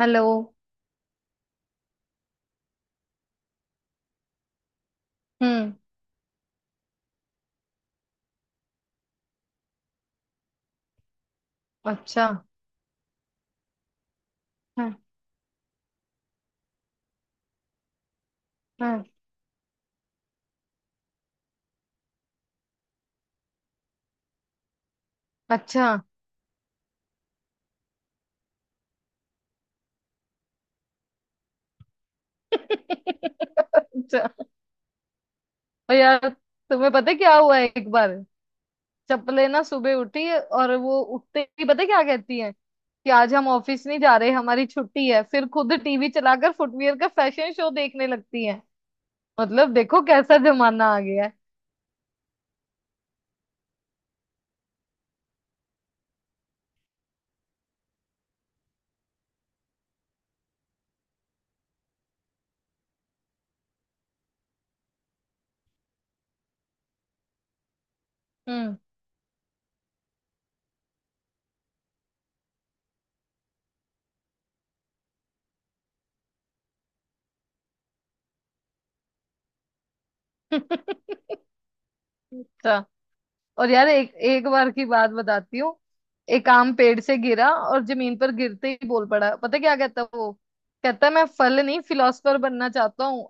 Hello. हम्म। अच्छा। हाँ। हाँ। अच्छा। अच्छा। और यार तुम्हें पता है क्या हुआ है एक बार। चपले ना सुबह उठी और वो उठते ही पता है क्या कहती है कि आज हम ऑफिस नहीं जा रहे, हमारी छुट्टी है। फिर खुद टीवी चलाकर फुटवियर का फैशन शो देखने लगती है। मतलब देखो कैसा जमाना आ गया है। हम्म। अच्छा। और यार एक एक बार की बात बताती हूँ। एक आम पेड़ से गिरा और जमीन पर गिरते ही बोल पड़ा। पता क्या कहता है वो? कहता है मैं फल नहीं फिलोसफर बनना चाहता हूँ।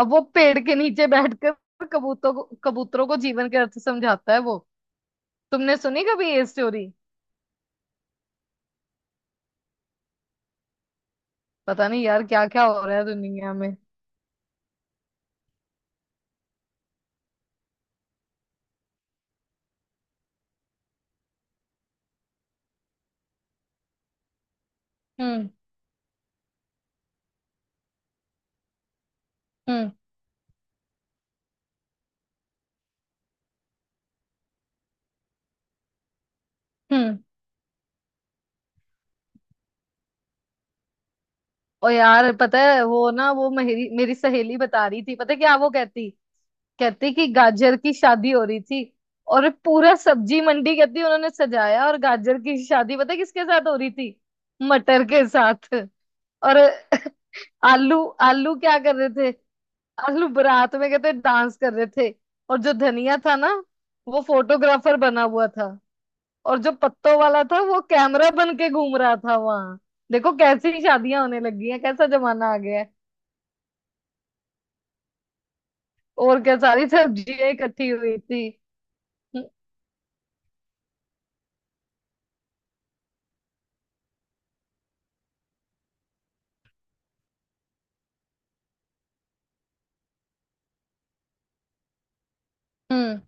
अब वो पेड़ के नीचे बैठकर कबूतरों को जीवन के अर्थ समझाता है वो। तुमने सुनी कभी ये स्टोरी? पता नहीं यार क्या क्या हो रहा है दुनिया में। हम्म। हम्म। हम्म। और यार पता है वो ना वो मेरी मेरी सहेली बता रही थी। पता है क्या वो कहती? कहते कि गाजर की शादी हो रही थी और पूरा सब्जी मंडी कहती उन्होंने सजाया। और गाजर की शादी पता है किसके साथ हो रही थी? मटर के साथ। और आलू। आलू क्या कर रहे थे? आलू बारात में कहते डांस कर रहे थे। और जो धनिया था ना वो फोटोग्राफर बना हुआ था। और जो पत्तों वाला था वो कैमरा बन के घूम रहा था वहां। देखो कैसी शादियां होने लगी हैं। कैसा जमाना आ गया है। और क्या सारी सब्जियां इकट्ठी हुई थी? हम्म। हम्म।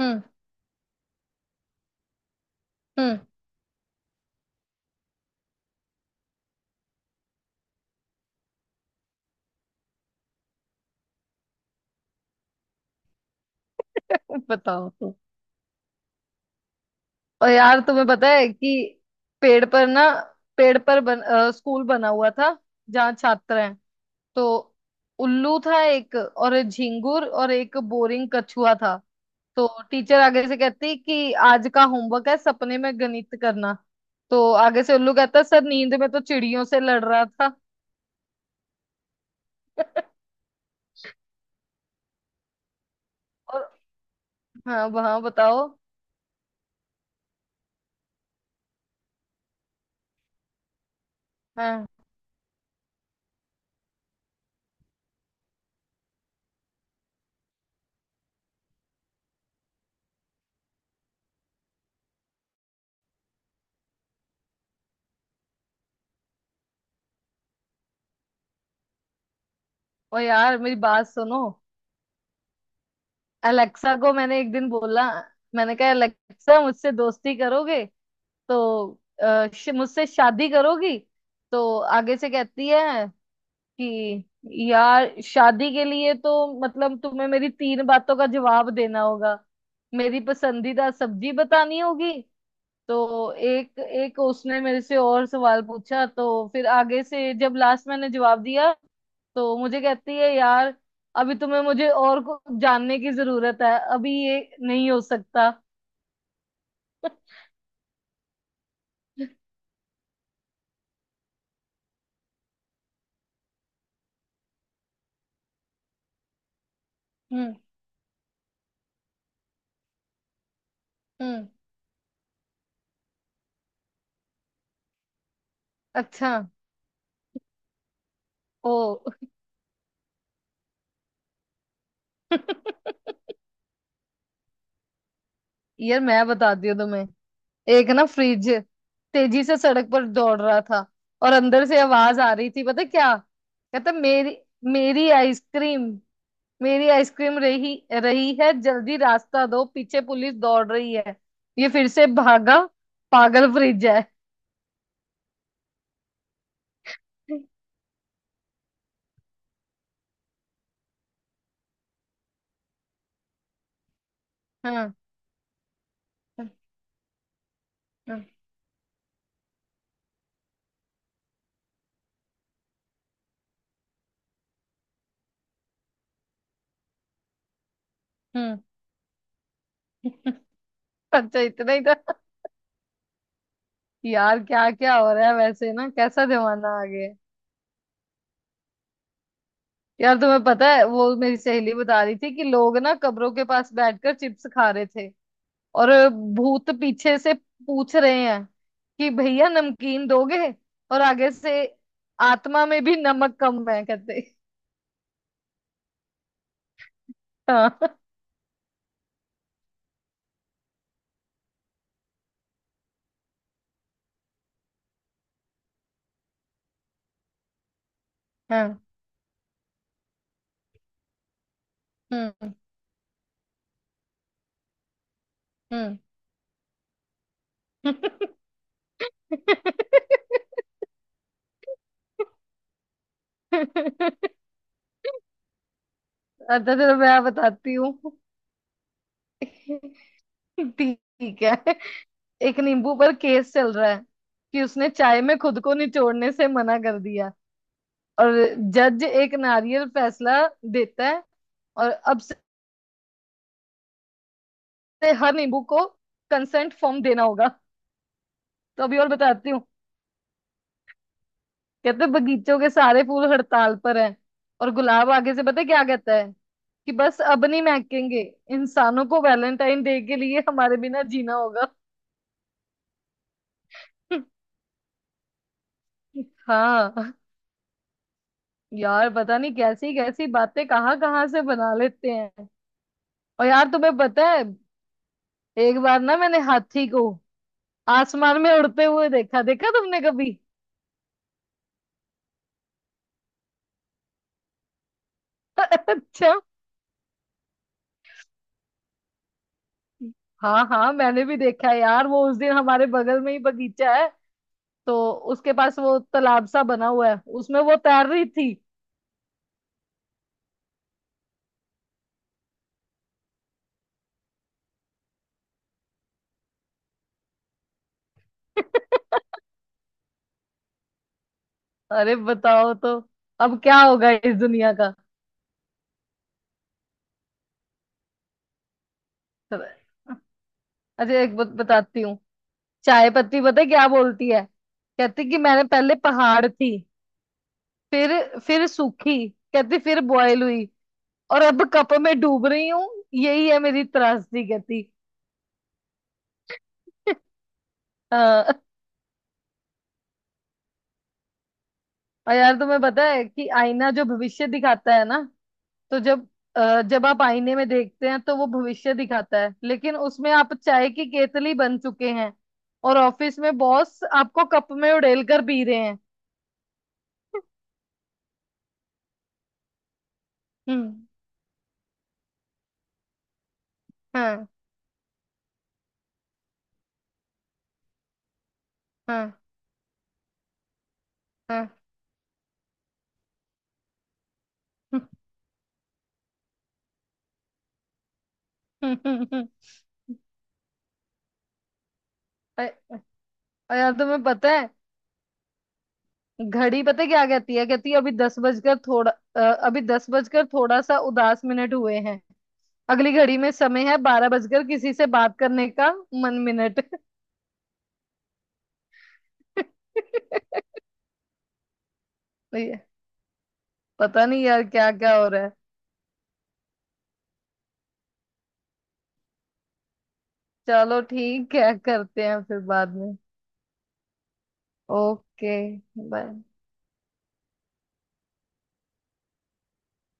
हम्म। हम्म। बताओ तो। और यार तुम्हें पता है कि पेड़ पर ना पेड़ पर स्कूल बना हुआ था जहाँ छात्र हैं। तो उल्लू था एक और एक झिंगुर और एक बोरिंग कछुआ था। तो टीचर आगे से कहती कि आज का होमवर्क है सपने में गणित करना। तो आगे से उल्लू कहता सर नींद में तो चिड़ियों से लड़ रहा था। और हाँ वहाँ बताओ। हाँ और यार मेरी बात सुनो। अलेक्सा को मैंने एक दिन बोला। मैंने कहा अलेक्सा मुझसे दोस्ती करोगे? तो मुझसे शादी करोगी? तो आगे से कहती है कि यार शादी के लिए तो मतलब तुम्हें मेरी तीन बातों का जवाब देना होगा। मेरी पसंदीदा सब्जी बतानी होगी। तो एक एक उसने मेरे से और सवाल पूछा। तो फिर आगे से जब लास्ट मैंने जवाब दिया तो मुझे कहती है यार अभी तुम्हें मुझे और को जानने की जरूरत है। अभी ये नहीं हो सकता। हम्म। हम्म। अच्छा। ओ। यार मैं बताती हूँ तुम्हें। एक ना फ्रिज तेजी से सड़क पर दौड़ रहा था। और अंदर से आवाज आ रही थी पता क्या कहता? मेरी मेरी आइसक्रीम। मेरी आइसक्रीम रही रही है। जल्दी रास्ता दो पीछे पुलिस दौड़ रही है। ये फिर से भागा। पागल फ्रिज है। हाँ। हाँ। हम्म। अच्छा इतना ही था। यार क्या क्या हो रहा है वैसे ना। कैसा जमाना आ गया है। यार तुम्हें पता है वो मेरी सहेली बता रही थी कि लोग ना कब्रों के पास बैठकर चिप्स खा रहे थे। और भूत पीछे से पूछ रहे हैं कि भैया नमकीन दोगे? और आगे से आत्मा में भी नमक कम है कहते। हाँ। हाँ। हम्म। हम्म। अच्छा चलो मैं बताती हूँ। ठीक है। एक नींबू पर केस चल रहा है कि उसने चाय में खुद को निचोड़ने से मना कर दिया। और जज एक नारियल फैसला देता है। और अब से हर नींबू को कंसेंट फॉर्म देना होगा। तो अभी और बताती हूँ। कहते बगीचों के सारे फूल हड़ताल पर हैं। और गुलाब आगे से पता है क्या कहता है? कि बस अब नहीं महकेंगे। इंसानों को वैलेंटाइन डे के लिए हमारे बिना जीना होगा। हाँ। यार पता नहीं कैसी कैसी बातें कहाँ कहाँ से बना लेते हैं। और यार तुम्हें पता है एक बार ना मैंने हाथी को आसमान में उड़ते हुए देखा। देखा तुमने कभी? अच्छा। हाँ हाँ मैंने भी देखा है यार। वो उस दिन हमारे बगल में ही बगीचा है तो उसके पास वो तालाब सा बना हुआ है, उसमें वो तैर रही थी। अरे बताओ तो। अब क्या होगा इस दुनिया का। अच्छा एक बात बताती हूँ। चाय पत्ती पता है क्या बोलती है? कहती कि मैंने पहले पहाड़ थी। फिर सूखी। कहती फिर बॉयल हुई। और अब कप में डूब रही हूँ। यही है मेरी त्रासदी कहती। हाँ। और यार तुम्हें पता है कि आईना जो भविष्य दिखाता है ना। तो जब जब आप आईने में देखते हैं तो वो भविष्य दिखाता है लेकिन उसमें आप चाय की केतली बन चुके हैं। और ऑफिस में बॉस आपको कप में उड़ेल कर पी रहे हैं। हम्म। हाँ। हाँ। हाँ। अ- यार तुम्हें पता है घड़ी पता है क्या कहती है? कहती है अभी 10 बजकर थोड़ा, अ, अभी 10 बजकर थोड़ा सा उदास मिनट हुए हैं। अगली घड़ी में समय है 12 बजकर किसी से बात करने का मन मिनट। पता नहीं यार क्या क्या हो रहा है। चलो ठीक है करते हैं फिर बाद में। ओके। बाय।